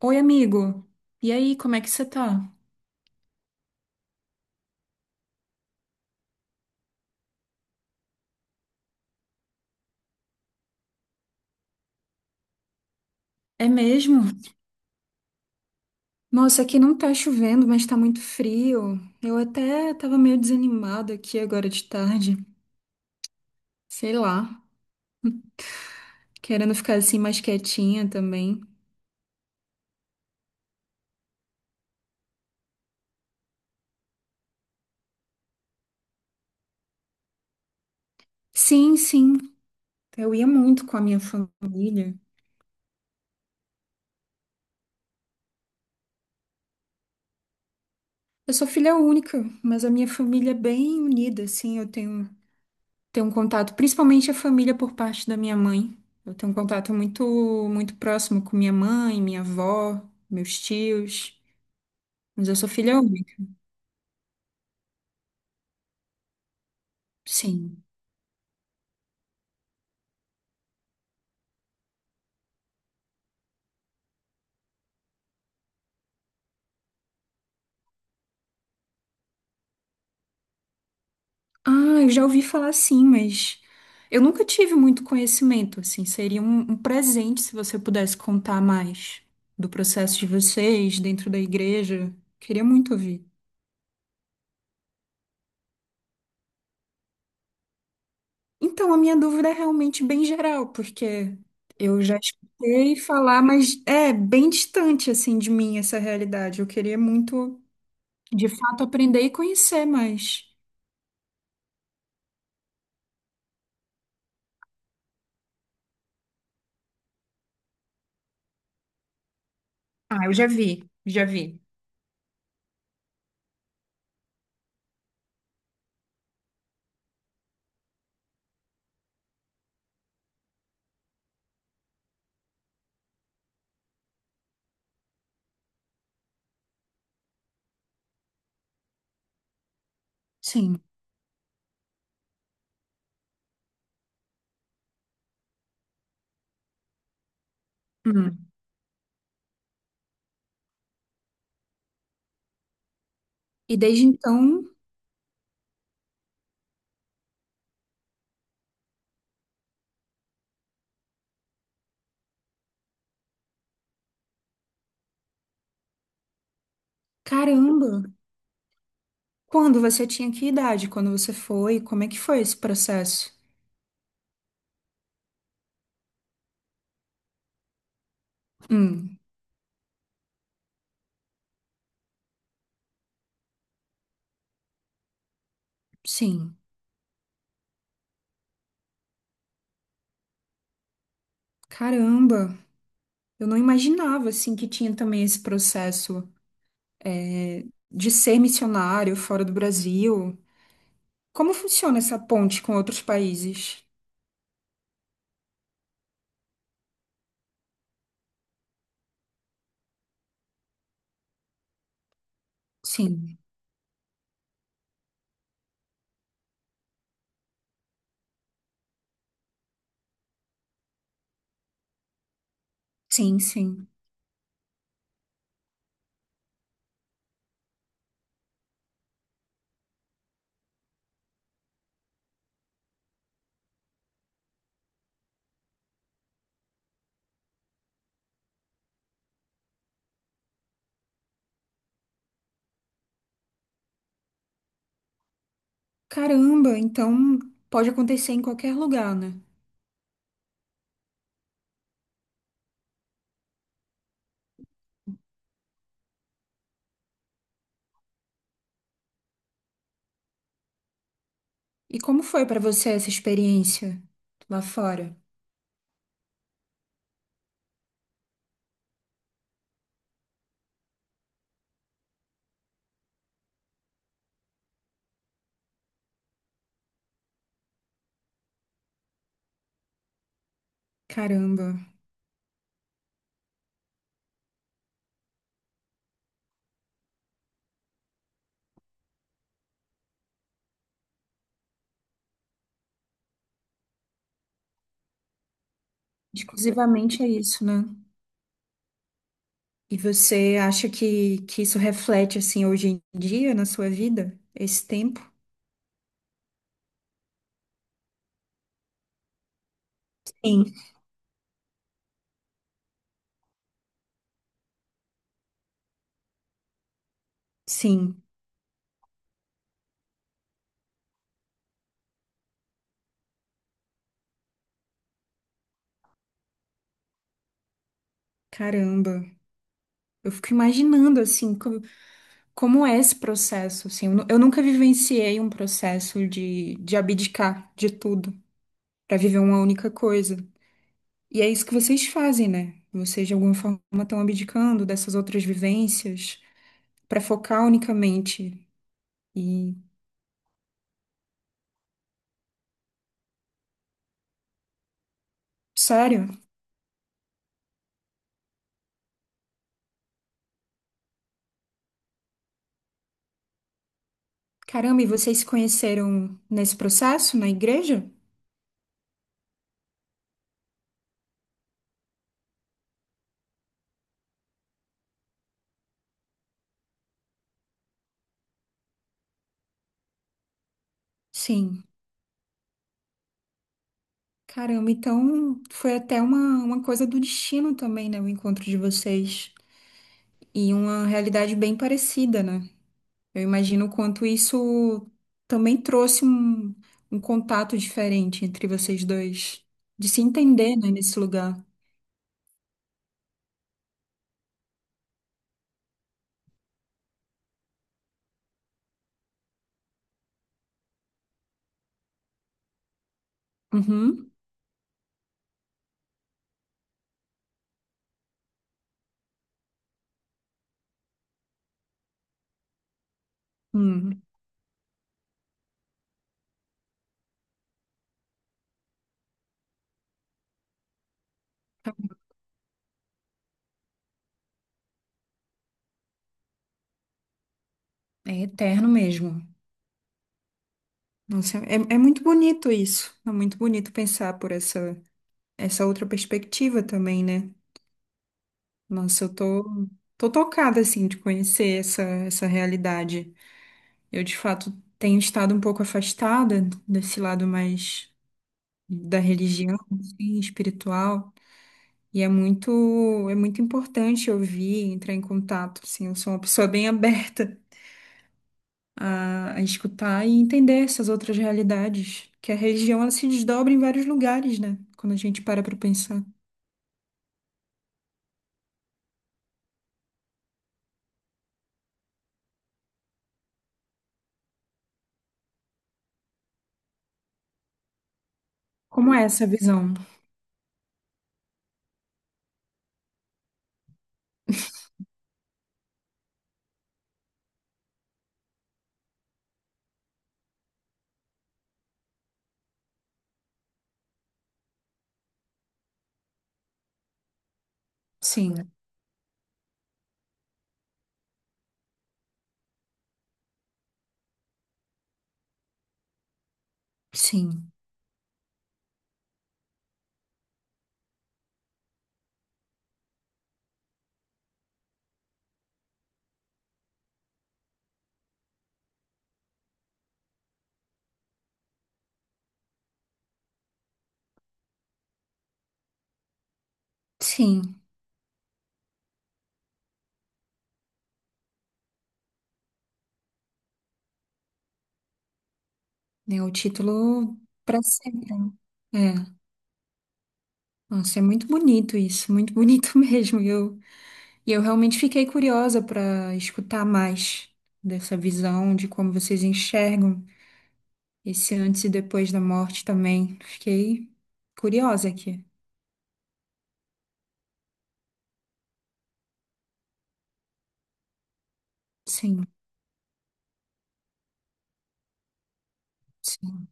Oi, amigo. E aí, como é que você tá? É mesmo? Nossa, aqui não tá chovendo, mas tá muito frio. Eu até tava meio desanimada aqui agora de tarde. Sei lá, querendo ficar assim mais quietinha também. Sim, sim. Eu ia muito com a minha família. Eu sou filha única, mas a minha família é bem unida, assim. Eu tenho um contato, principalmente a família por parte da minha mãe. Eu tenho um contato muito próximo com minha mãe, minha avó, meus tios. Mas eu sou filha única. Sim. Ah, eu já ouvi falar sim, mas eu nunca tive muito conhecimento, assim. Seria um presente se você pudesse contar mais do processo de vocês dentro da igreja. Queria muito ouvir. Então, a minha dúvida é realmente bem geral, porque eu já escutei falar, mas é bem distante, assim, de mim essa realidade. Eu queria muito, de fato, aprender e conhecer mais. Ah, eu já vi, já vi. Sim. Hum. E desde então. Caramba! Quando você tinha que idade? Quando você foi? Como é que foi esse processo? Hum, sim. Caramba! Eu não imaginava, assim, que tinha também esse processo é, de ser missionário fora do Brasil. Como funciona essa ponte com outros países? Sim, sim, sim. Caramba, então pode acontecer em qualquer lugar, né? E como foi para você essa experiência lá fora? Caramba, exclusivamente é isso, né? E você acha que isso reflete, assim, hoje em dia na sua vida? Esse tempo? Sim. Sim, caramba. Eu fico imaginando, assim, como é esse processo, assim. Eu nunca vivenciei um processo de abdicar de tudo para viver uma única coisa. E é isso que vocês fazem, né? Vocês, de alguma forma, estão abdicando dessas outras vivências para focar unicamente. E, sério, caramba, e vocês se conheceram nesse processo, na igreja? Sim. Caramba, então foi até uma coisa do destino também, né? O encontro de vocês. E uma realidade bem parecida, né? Eu imagino o quanto isso também trouxe um contato diferente entre vocês dois. De se entender, né, nesse lugar. Uhum. Hum, é eterno mesmo. Nossa, é muito bonito isso. É muito bonito pensar por essa outra perspectiva também, né? Nossa, tô tocada, assim, de conhecer essa realidade. Eu, de fato, tenho estado um pouco afastada desse lado mais da religião, assim, espiritual. E é muito importante ouvir, entrar em contato, assim. Eu sou uma pessoa bem aberta a escutar e entender essas outras realidades. Que a religião, ela se desdobra em vários lugares, né? Quando a gente para pra pensar. Como é essa visão? Sim, sim, sim. É o título para sempre. É, nossa, é muito bonito isso, muito bonito mesmo. E eu realmente fiquei curiosa para escutar mais dessa visão de como vocês enxergam esse antes e depois da morte também. Fiquei curiosa aqui. Sim, sim,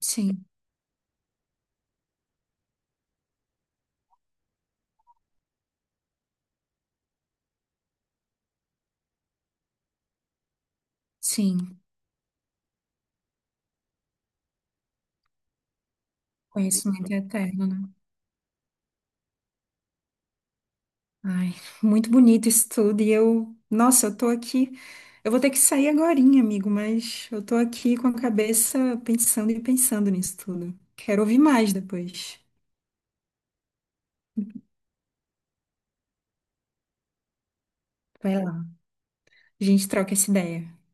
sim, sim. Conhecimento eterno. Ai, muito bonito isso tudo. E eu, nossa, eu tô aqui. Eu vou ter que sair agorinha, amigo, mas eu tô aqui com a cabeça pensando e pensando nisso tudo. Quero ouvir mais depois. Vai lá, a gente troca essa ideia.